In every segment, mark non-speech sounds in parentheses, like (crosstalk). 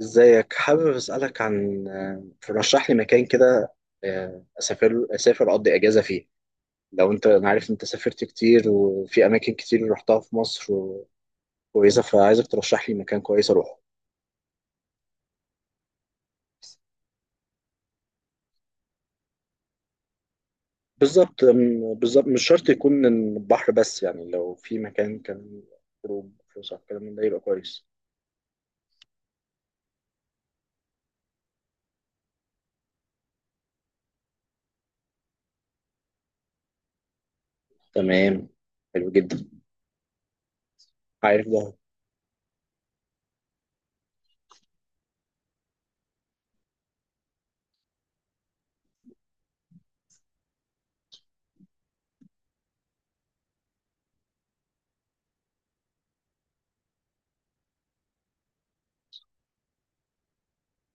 ازيك؟ حابب اسالك عن ترشح لي مكان كده. اسافر اقضي اجازه فيه. لو انت، انا عارف انت سافرت كتير وفي اماكن كتير رحتها في مصر. كويسه، فعايزك ترشح لي مكان كويس اروحه. بالظبط مش شرط يكون البحر، بس يعني لو في مكان كان خروج فسح الكلام من ده يبقى كويس. تمام. حلو جدا. عارف ده.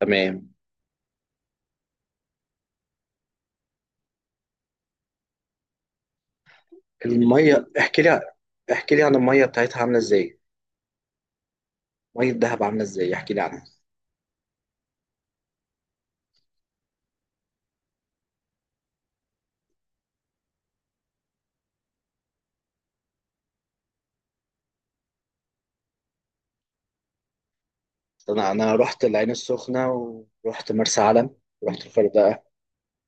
تمام. الميه احكي لي احكي لي عن الميه بتاعتها عامله ازاي. ميه دهب عامله ازاي؟ احكي لي عنها. انا رحت العين السخنه، ورحت مرسى علم، ورحت الغردقه،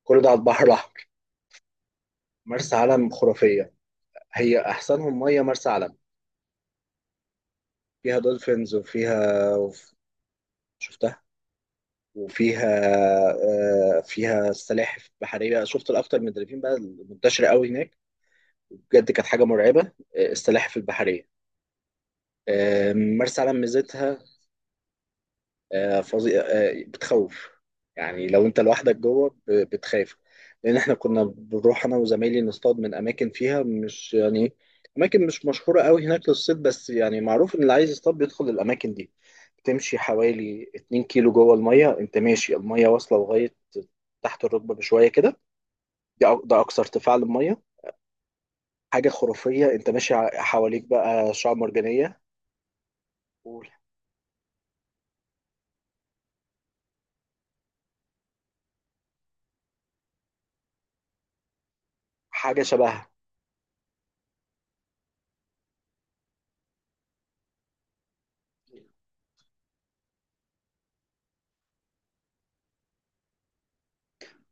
كل ده على البحر الاحمر. مرسى علم خرافيه. هي احسنهم ميه، مرسى علم. فيها دولفينز وفيها شفتها وفيها. فيها السلاحف البحريه، شفت الاكتر من الدلافين بقى المنتشره قوي هناك. بجد كانت حاجه مرعبه. السلاحف البحريه. مرسى علم ميزتها. فظيع. بتخوف. يعني لو انت لوحدك جوه بتخاف. لان احنا كنا بنروح انا وزمايلي نصطاد من اماكن فيها، مش يعني اماكن مش مشهوره قوي هناك للصيد، بس يعني معروف ان اللي عايز يصطاد بيدخل الاماكن دي. تمشي حوالي 2 كيلو جوه الميه، انت ماشي، الميه واصله لغايه تحت الركبه بشويه كده. ده اقصى ارتفاع للميه. حاجه خرافيه، انت ماشي، حواليك بقى شعاب مرجانيه وحاجه شبهها.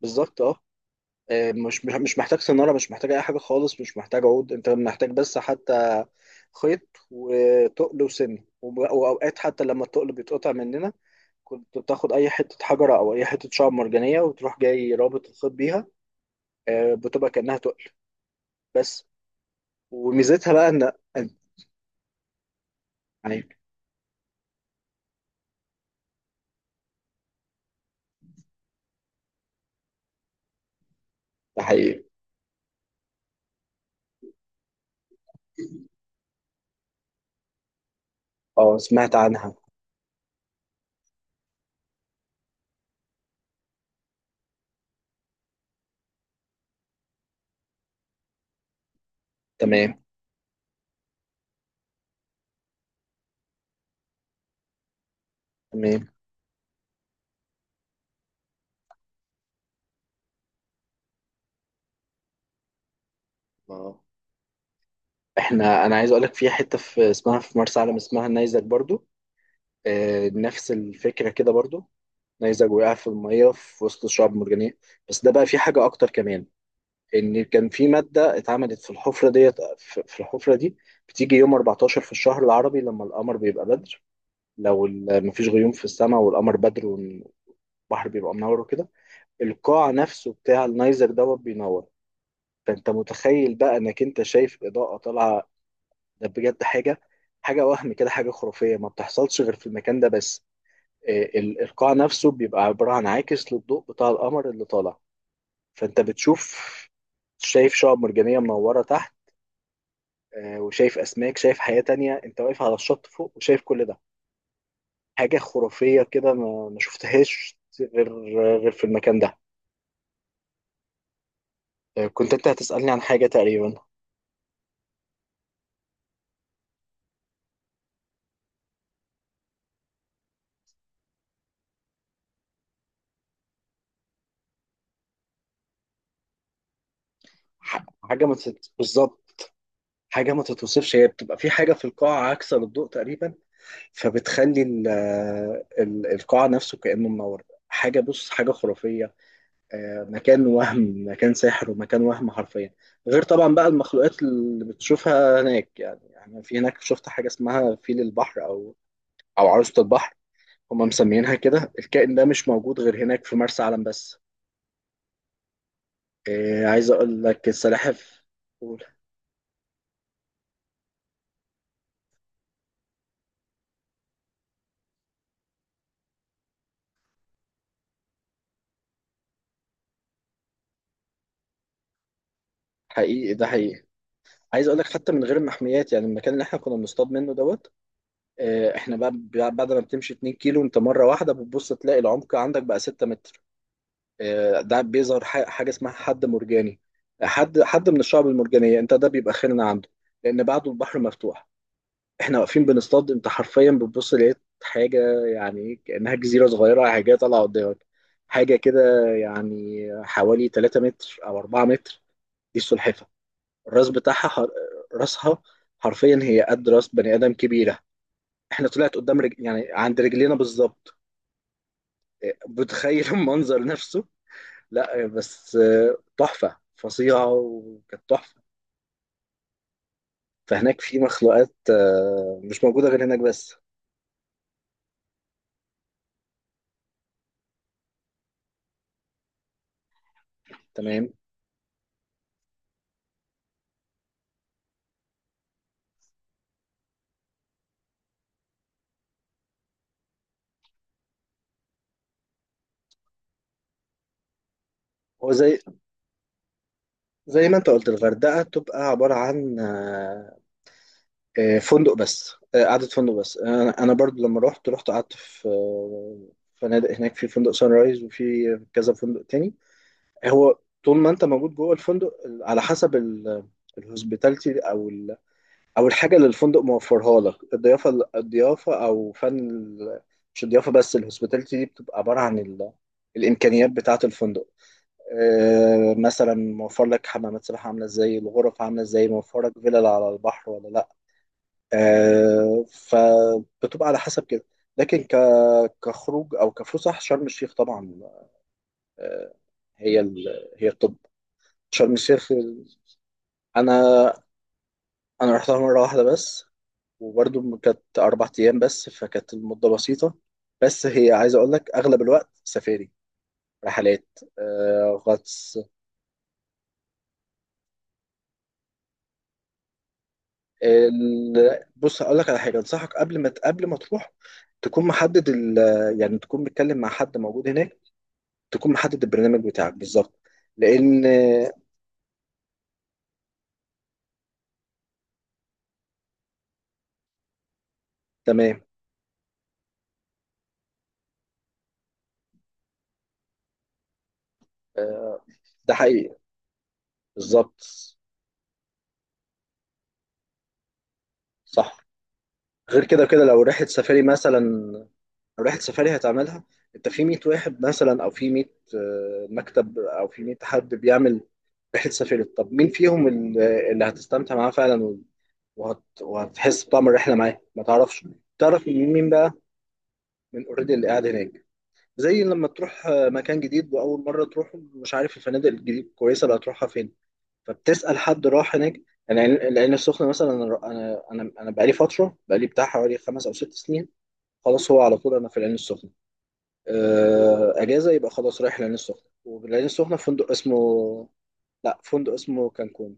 بالظبط اه. مش محتاج سنارة، مش محتاج أي حاجة خالص، مش محتاج عود، أنت محتاج بس حتى خيط وتقل وسن وأوقات حتى لما التقل بيتقطع مننا، كنت بتاخد أي حتة حجرة أو أي حتة شعب مرجانية وتروح جاي رابط الخيط بيها. بتبقى كأنها تقل بس. وميزتها بقى إن يعني. ده حقيقي. أه سمعت عنها. تمام. تمام. اه. انا عايز اقول لك في حته، في اسمها في مرسى علم اسمها النيزك برضو. نفس الفكرة كده برضو. نيزك وقع في المية في وسط الشعب المرجانية. بس ده بقى فيه حاجة أكتر كمان. إن كان في مادة اتعملت في الحفرة ديت، في الحفرة دي بتيجي يوم 14 في الشهر العربي لما القمر بيبقى بدر. لو مفيش غيوم في السماء والقمر بدر والبحر بيبقى منور وكده، القاع نفسه بتاع النيزك دوت بينور. فأنت متخيل بقى إنك أنت شايف إضاءة طالعة. ده بجد حاجة. حاجة وهم كده، حاجة خرافية ما بتحصلش غير في المكان ده بس. القاع نفسه بيبقى عبارة عن عاكس للضوء بتاع القمر اللي طالع. فأنت بتشوف، شايف شعاب مرجانية منورة تحت. وشايف أسماك، شايف حياة تانية، أنت واقف على الشط فوق وشايف كل ده. حاجة خرافية كده ما شفتهاش غير في المكان ده. كنت أنت هتسألني عن حاجة تقريبا. حاجة ما بالظبط. حاجة ما تتوصفش، هي بتبقى في حاجة في القاعة عاكسة للضوء تقريبا. فبتخلي القاع نفسه كأنه منور. حاجة، بص حاجة خرافية. مكان وهم، مكان سحر، ومكان وهم حرفيا. غير طبعا بقى المخلوقات اللي بتشوفها هناك يعني. انا في هناك شفت حاجه اسمها فيل البحر او عروسه البحر. هم مسمينها كده. الكائن ده مش موجود غير هناك في مرسى علم بس. عايز اقول لك السلاحف. قول. حقيقي، ده حقيقي. عايز اقول لك حتى من غير المحميات يعني، المكان اللي احنا كنا بنصطاد منه دوت. احنا بعد ما بتمشي 2 كيلو انت مره واحده بتبص تلاقي العمق عندك بقى 6 متر. ده بيظهر حاجه اسمها حد مرجاني، حد من الشعب المرجانيه انت، ده بيبقى خيرنا عنده لان بعده البحر مفتوح. احنا واقفين بنصطاد، انت حرفيا بتبص لقيت حاجه يعني كانها جزيره صغيره، حاجه طالعه قدامك، حاجه كده يعني حوالي 3 متر او 4 متر. دي السلحفه. الراس بتاعها راسها حرفيا هي قد راس بني ادم كبيره. احنا طلعت قدام يعني عند رجلينا بالظبط. بتخيل (laughs) المنظر نفسه. لا بس، تحفة فظيعة وكانت تحفة. فهناك في مخلوقات مش موجودة غير هناك بس. تمام. هو زي زي ما انت قلت الغردقة تبقى عبارة عن فندق بس. قعدة فندق بس. انا برضو لما رحت قعدت في فنادق هناك، في فندق سان رايز وفي كذا فندق تاني. هو طول ما انت موجود جوه الفندق، على حسب الهوسبيتاليتي او الحاجه اللي الفندق موفرها لك، الضيافه، او فن مش الضيافه بس، الهوسبيتاليتي دي بتبقى عباره عن الامكانيات بتاعه الفندق. مثلا موفر لك حمامات سباحه عامله ازاي، الغرف عامله ازاي، موفر لك فيلل على البحر ولا لا. فبتبقى على حسب كده. لكن كخروج او كفسح، شرم الشيخ طبعا. آه، هي الطب، شرم الشيخ. انا انا رحتها مره واحده بس، وبرضه كانت أربع أيام بس، فكانت المدة بسيطة. بس هي عايز أقول لك أغلب الوقت سفاري، رحلات، غطس. بص هقول لك على حاجة أنصحك قبل ما تروح، تكون محدد ال... آه، يعني تكون بتتكلم مع حد موجود هناك، تكون محدد البرنامج بتاعك بالظبط. لأن تمام. آه، ده حقيقي بالظبط. صح. غير كده، كده لو رحلة سفاري مثلا، لو رحلة سفاري هتعملها، انت في 100 واحد مثلا او في 100 مكتب او في 100 حد بيعمل رحلة سفاري، طب مين فيهم اللي هتستمتع معاه فعلا وهتحس بطعم الرحلة معاه؟ ما تعرفش. تعرف من مين بقى؟ من اوريدي اللي قاعد هناك. زي لما تروح مكان جديد واول مرة تروح، مش عارف الفنادق الجديد كويسة اللي هتروحها فين، فبتسأل حد راح هناك. يعني العين السخنة مثلا، انا بقالي بتاع حوالي خمس او ست سنين، خلاص هو على طول انا في العين السخنه. اجازه يبقى خلاص رايح العين السخنه، والعين السخنه فندق اسمه... لا، فندق اسمه كانكون.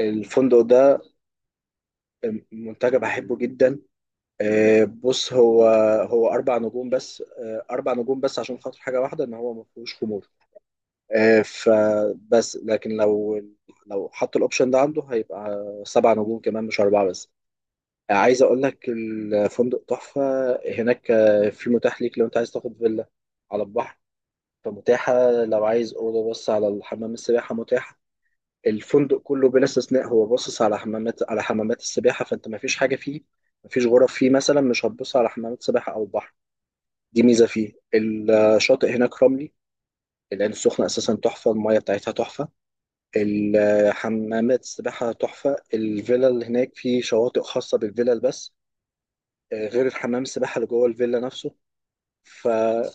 الفندق ده منتجع بحبه جدا. بص هو اربع نجوم بس. اربع نجوم بس عشان خاطر حاجه واحده، ان هو ما فيهوش خمور. فبس، لكن لو حط الاوبشن ده عنده هيبقى سبع نجوم كمان، مش اربعه بس. عايز اقول لك الفندق تحفه. هناك في متاح ليك لو انت عايز تاخد فيلا على البحر، فمتاحة. لو عايز أوضة بص على الحمام السباحة، متاحة. الفندق كله بلا استثناء هو باصص على حمامات السباحة، فأنت مفيش حاجة فيه، مفيش غرف فيه مثلا مش هتبص على حمامات سباحة أو بحر. دي ميزة فيه. الشاطئ هناك رملي. العين السخنة أساسا تحفة، المية بتاعتها تحفة، الحمامات السباحة تحفة، الفيلا اللي هناك فيه شواطئ خاصة بالفيلل بس، غير الحمام السباحة اللي جوه الفيلا نفسه. فلا،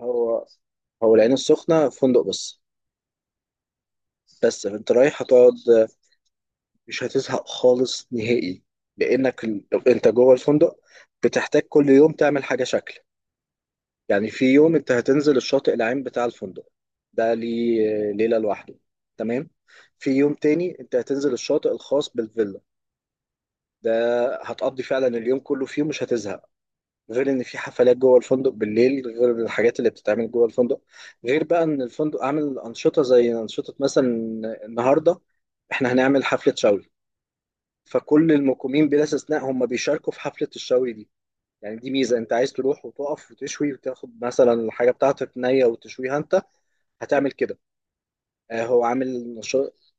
هو هو العين السخنة فندق بس، بس انت رايح هتقعد. مش هتزهق خالص نهائي، لانك انت جوه الفندق بتحتاج كل يوم تعمل حاجه شكل. يعني في يوم انت هتنزل الشاطئ العام بتاع الفندق، ده ليه ليله لوحده. تمام. في يوم تاني انت هتنزل الشاطئ الخاص بالفيلا ده، هتقضي فعلا اليوم كله فيه، مش هتزهق. غير ان في حفلات جوه الفندق بالليل، غير الحاجات اللي بتتعمل جوه الفندق، غير بقى ان الفندق عامل انشطه، زي انشطه مثلا النهارده احنا هنعمل حفله شاول، فكل المقيمين بلا استثناء هم بيشاركوا في حفلة الشوي دي. يعني دي ميزة، انت عايز تروح وتقف وتشوي وتاخد مثلا الحاجة بتاعتك نية وتشويها انت، هتعمل كده. هو عامل نشاط.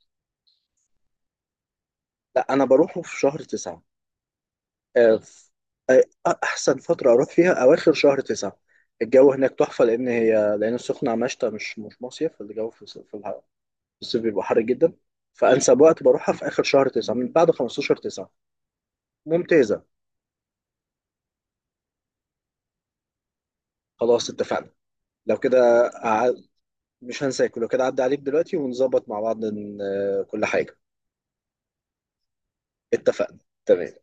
لا، انا بروحه في شهر تسعة. آه ف- آه احسن فترة اروح فيها اواخر شهر تسعة، الجو هناك تحفة، لان السخنة مشتى مش مصيف. الجو في الصيف بيبقى حر جدا، فانسب وقت بروحها في اخر شهر تسعة، من بعد 15 تسعة، ممتازة. خلاص اتفقنا. لو كده مش هنساكل. لو كده عدى عليك دلوقتي ونظبط مع بعض كل حاجة. اتفقنا. تمام.